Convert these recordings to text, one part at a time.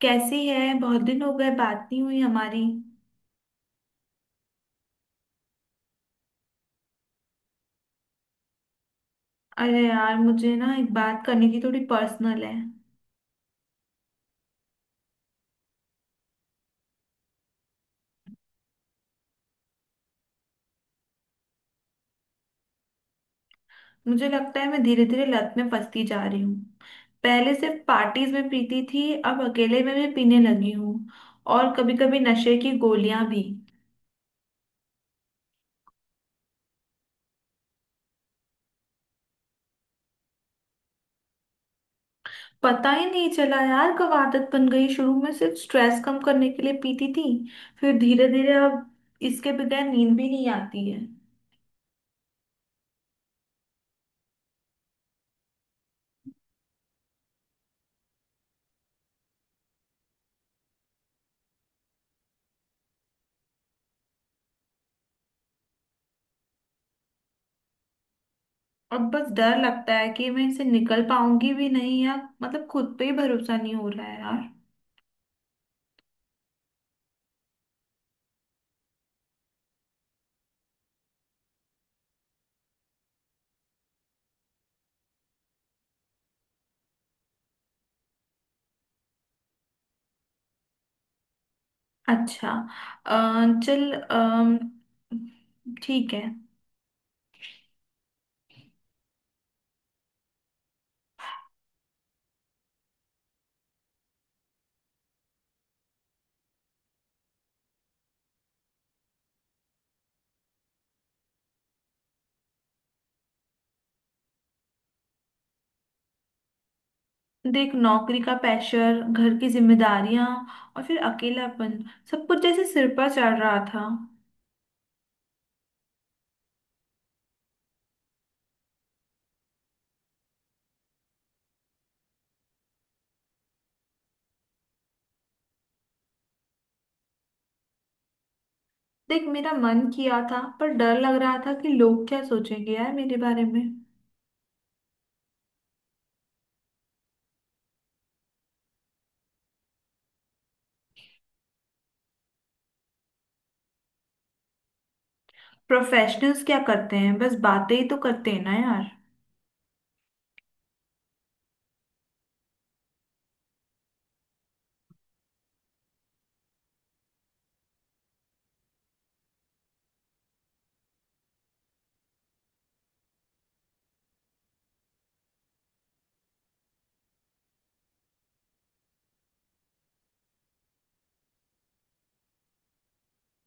कैसी है? बहुत दिन हो गए, बात नहीं हुई हमारी। अरे यार, मुझे ना एक बात करनी थी, थोड़ी पर्सनल है। मुझे लगता है मैं धीरे धीरे लत में फंसती जा रही हूँ। पहले सिर्फ पार्टीज में पीती थी, अब अकेले में भी पीने लगी हूँ। और कभी कभी नशे की गोलियां भी। पता ही नहीं चला यार कब आदत बन गई। शुरू में सिर्फ स्ट्रेस कम करने के लिए पीती थी, फिर धीरे धीरे अब इसके बगैर नींद भी नहीं आती है। और बस डर लगता है कि मैं इसे निकल पाऊंगी भी नहीं यार। मतलब खुद पे ही भरोसा नहीं हो रहा है यार। अच्छा। चल ठीक है। देख, नौकरी का प्रेशर, घर की जिम्मेदारियां, और फिर अकेलापन। सब कुछ जैसे सिर पर चढ़ रहा था। देख, मेरा मन किया था पर डर लग रहा था कि लोग क्या सोचेंगे यार मेरे बारे में। प्रोफेशनल्स क्या करते हैं, बस बातें ही तो करते हैं ना यार।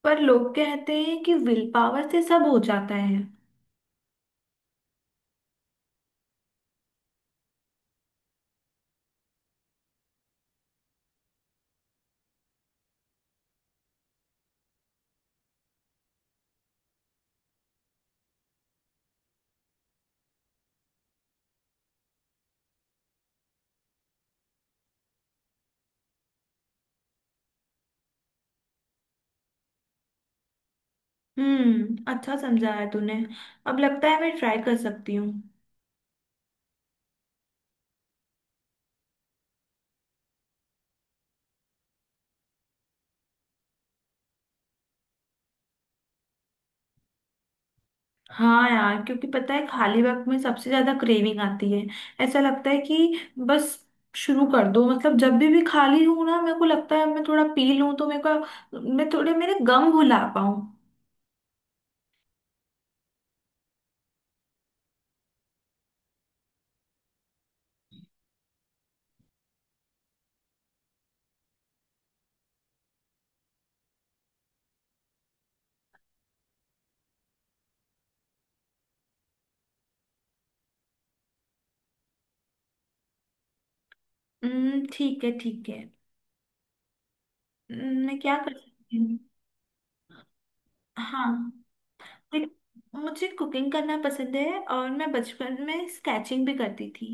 पर लोग कहते हैं कि विल पावर से सब हो जाता है। हम्म, अच्छा समझाया है तूने। अब लगता है मैं ट्राई कर सकती हूँ। हाँ यार, क्योंकि पता है खाली वक्त में सबसे ज्यादा क्रेविंग आती है। ऐसा लगता है कि बस शुरू कर दो। मतलब जब भी खाली हूँ ना, मेरे को लगता है मैं थोड़ा पी लूँ तो मेरे को, मैं थोड़े मेरे गम भुला पाऊँ। हम्म, ठीक है, ठीक है। मैं क्या कर सकती हूँ? हाँ। देख, मुझे कुकिंग करना पसंद है, और मैं बचपन में स्केचिंग भी करती थी।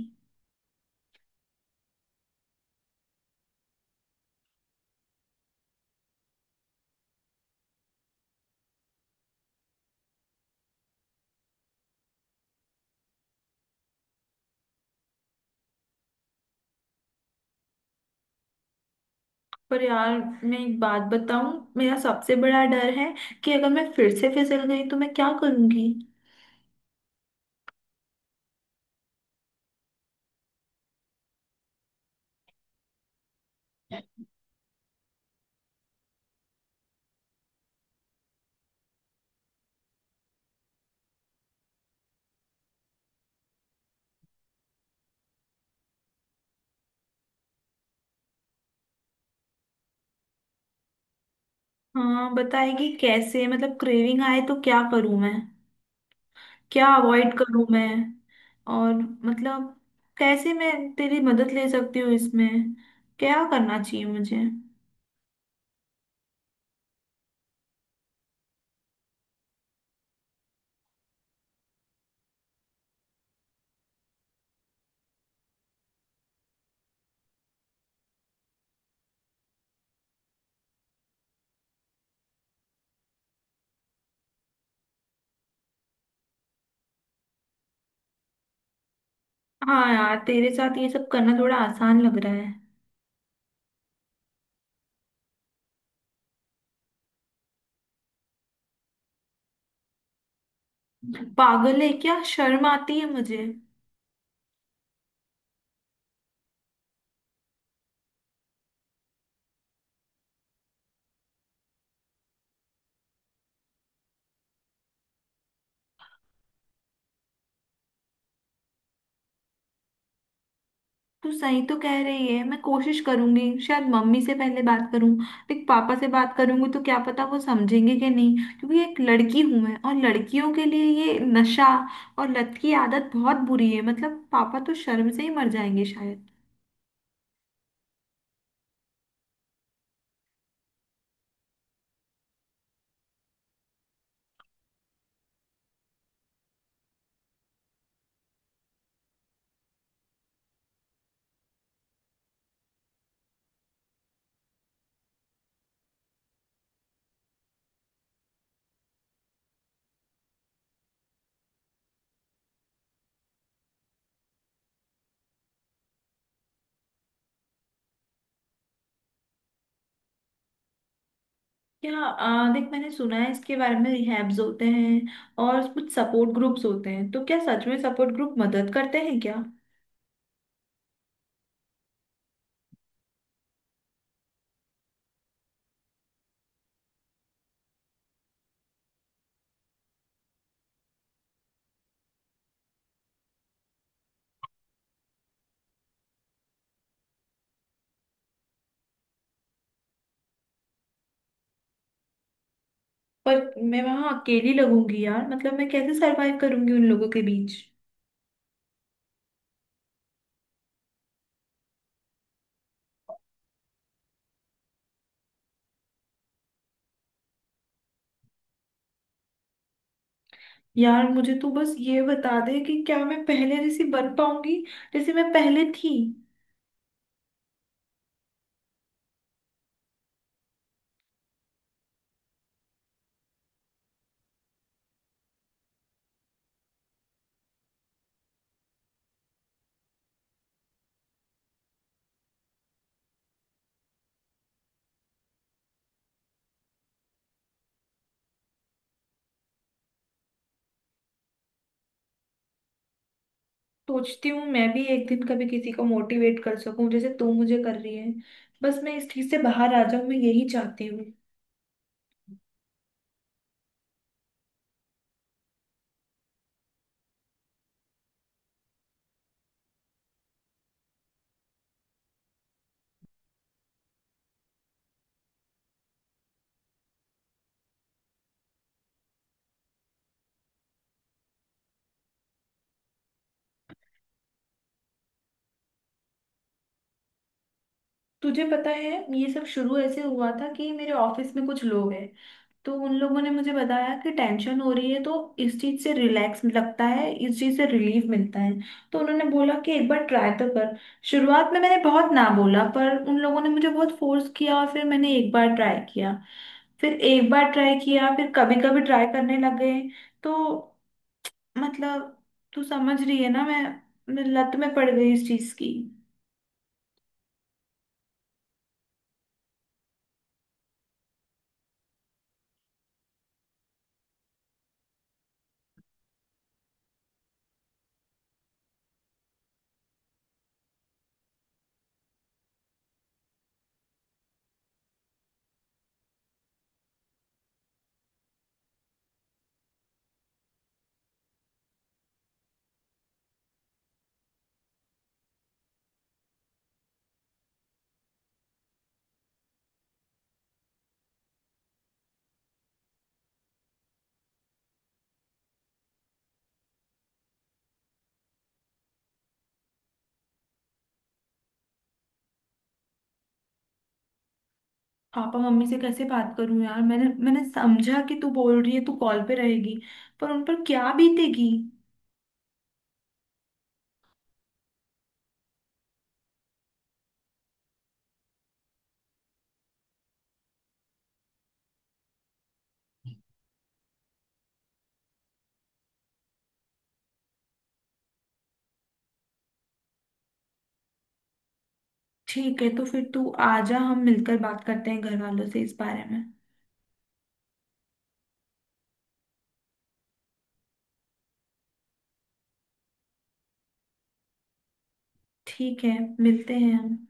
पर यार, मैं एक बात बताऊं, मेरा सबसे बड़ा डर है कि अगर मैं फिर से फिसल गई तो मैं क्या करूंगी। हाँ, बताएगी कैसे? मतलब क्रेविंग आए तो क्या करूं मैं, क्या अवॉइड करूं मैं? और मतलब कैसे मैं तेरी मदद ले सकती हूँ इसमें, क्या करना चाहिए मुझे? हाँ यार, तेरे साथ ये सब करना थोड़ा आसान लग रहा है। पागल है क्या, शर्म आती है मुझे। तू सही तो कह रही है, मैं कोशिश करूंगी। शायद मम्मी से पहले बात करूं। देख, पापा से बात करूंगी तो क्या पता वो समझेंगे कि नहीं, क्योंकि एक लड़की हूं मैं, और लड़कियों के लिए ये नशा और लत की आदत बहुत बुरी है। मतलब पापा तो शर्म से ही मर जाएंगे शायद। क्या देख, मैंने सुना है इसके बारे में रिहैब्स होते हैं और कुछ सपोर्ट ग्रुप्स होते हैं। तो क्या सच में सपोर्ट ग्रुप मदद करते हैं क्या? पर मैं वहां अकेली लगूंगी यार। मतलब मैं कैसे सरवाइव करूंगी उन लोगों के बीच? यार मुझे तो बस ये बता दे कि क्या मैं पहले जैसी बन पाऊंगी, जैसे मैं पहले थी। सोचती हूँ मैं भी एक दिन कभी किसी को मोटिवेट कर सकूं, जैसे तू मुझे कर रही है। बस मैं इस चीज से बाहर आ जाऊं, मैं यही चाहती हूँ। तुझे पता है, ये सब शुरू ऐसे हुआ था कि मेरे ऑफिस में कुछ लोग हैं, तो उन लोगों ने मुझे बताया कि टेंशन हो रही है तो इस चीज से रिलैक्स लगता है, इस चीज से रिलीफ मिलता है। तो उन्होंने बोला कि एक बार ट्राई तो कर। शुरुआत में मैंने बहुत ना बोला, पर उन लोगों ने मुझे बहुत फोर्स किया और फिर मैंने एक बार ट्राई किया, फिर एक बार ट्राई किया, फिर कभी कभी ट्राई करने लग गए। तो, मतलब, तू समझ रही है ना, मैं लत में पड़ गई इस चीज की। पापा मम्मी से कैसे बात करूं यार? मैंने मैंने समझा कि तू बोल रही है तू कॉल पे रहेगी, पर उन पर क्या बीतेगी? ठीक है, तो फिर तू आजा, हम मिलकर बात करते हैं घर वालों से इस बारे में। ठीक है, मिलते हैं हम।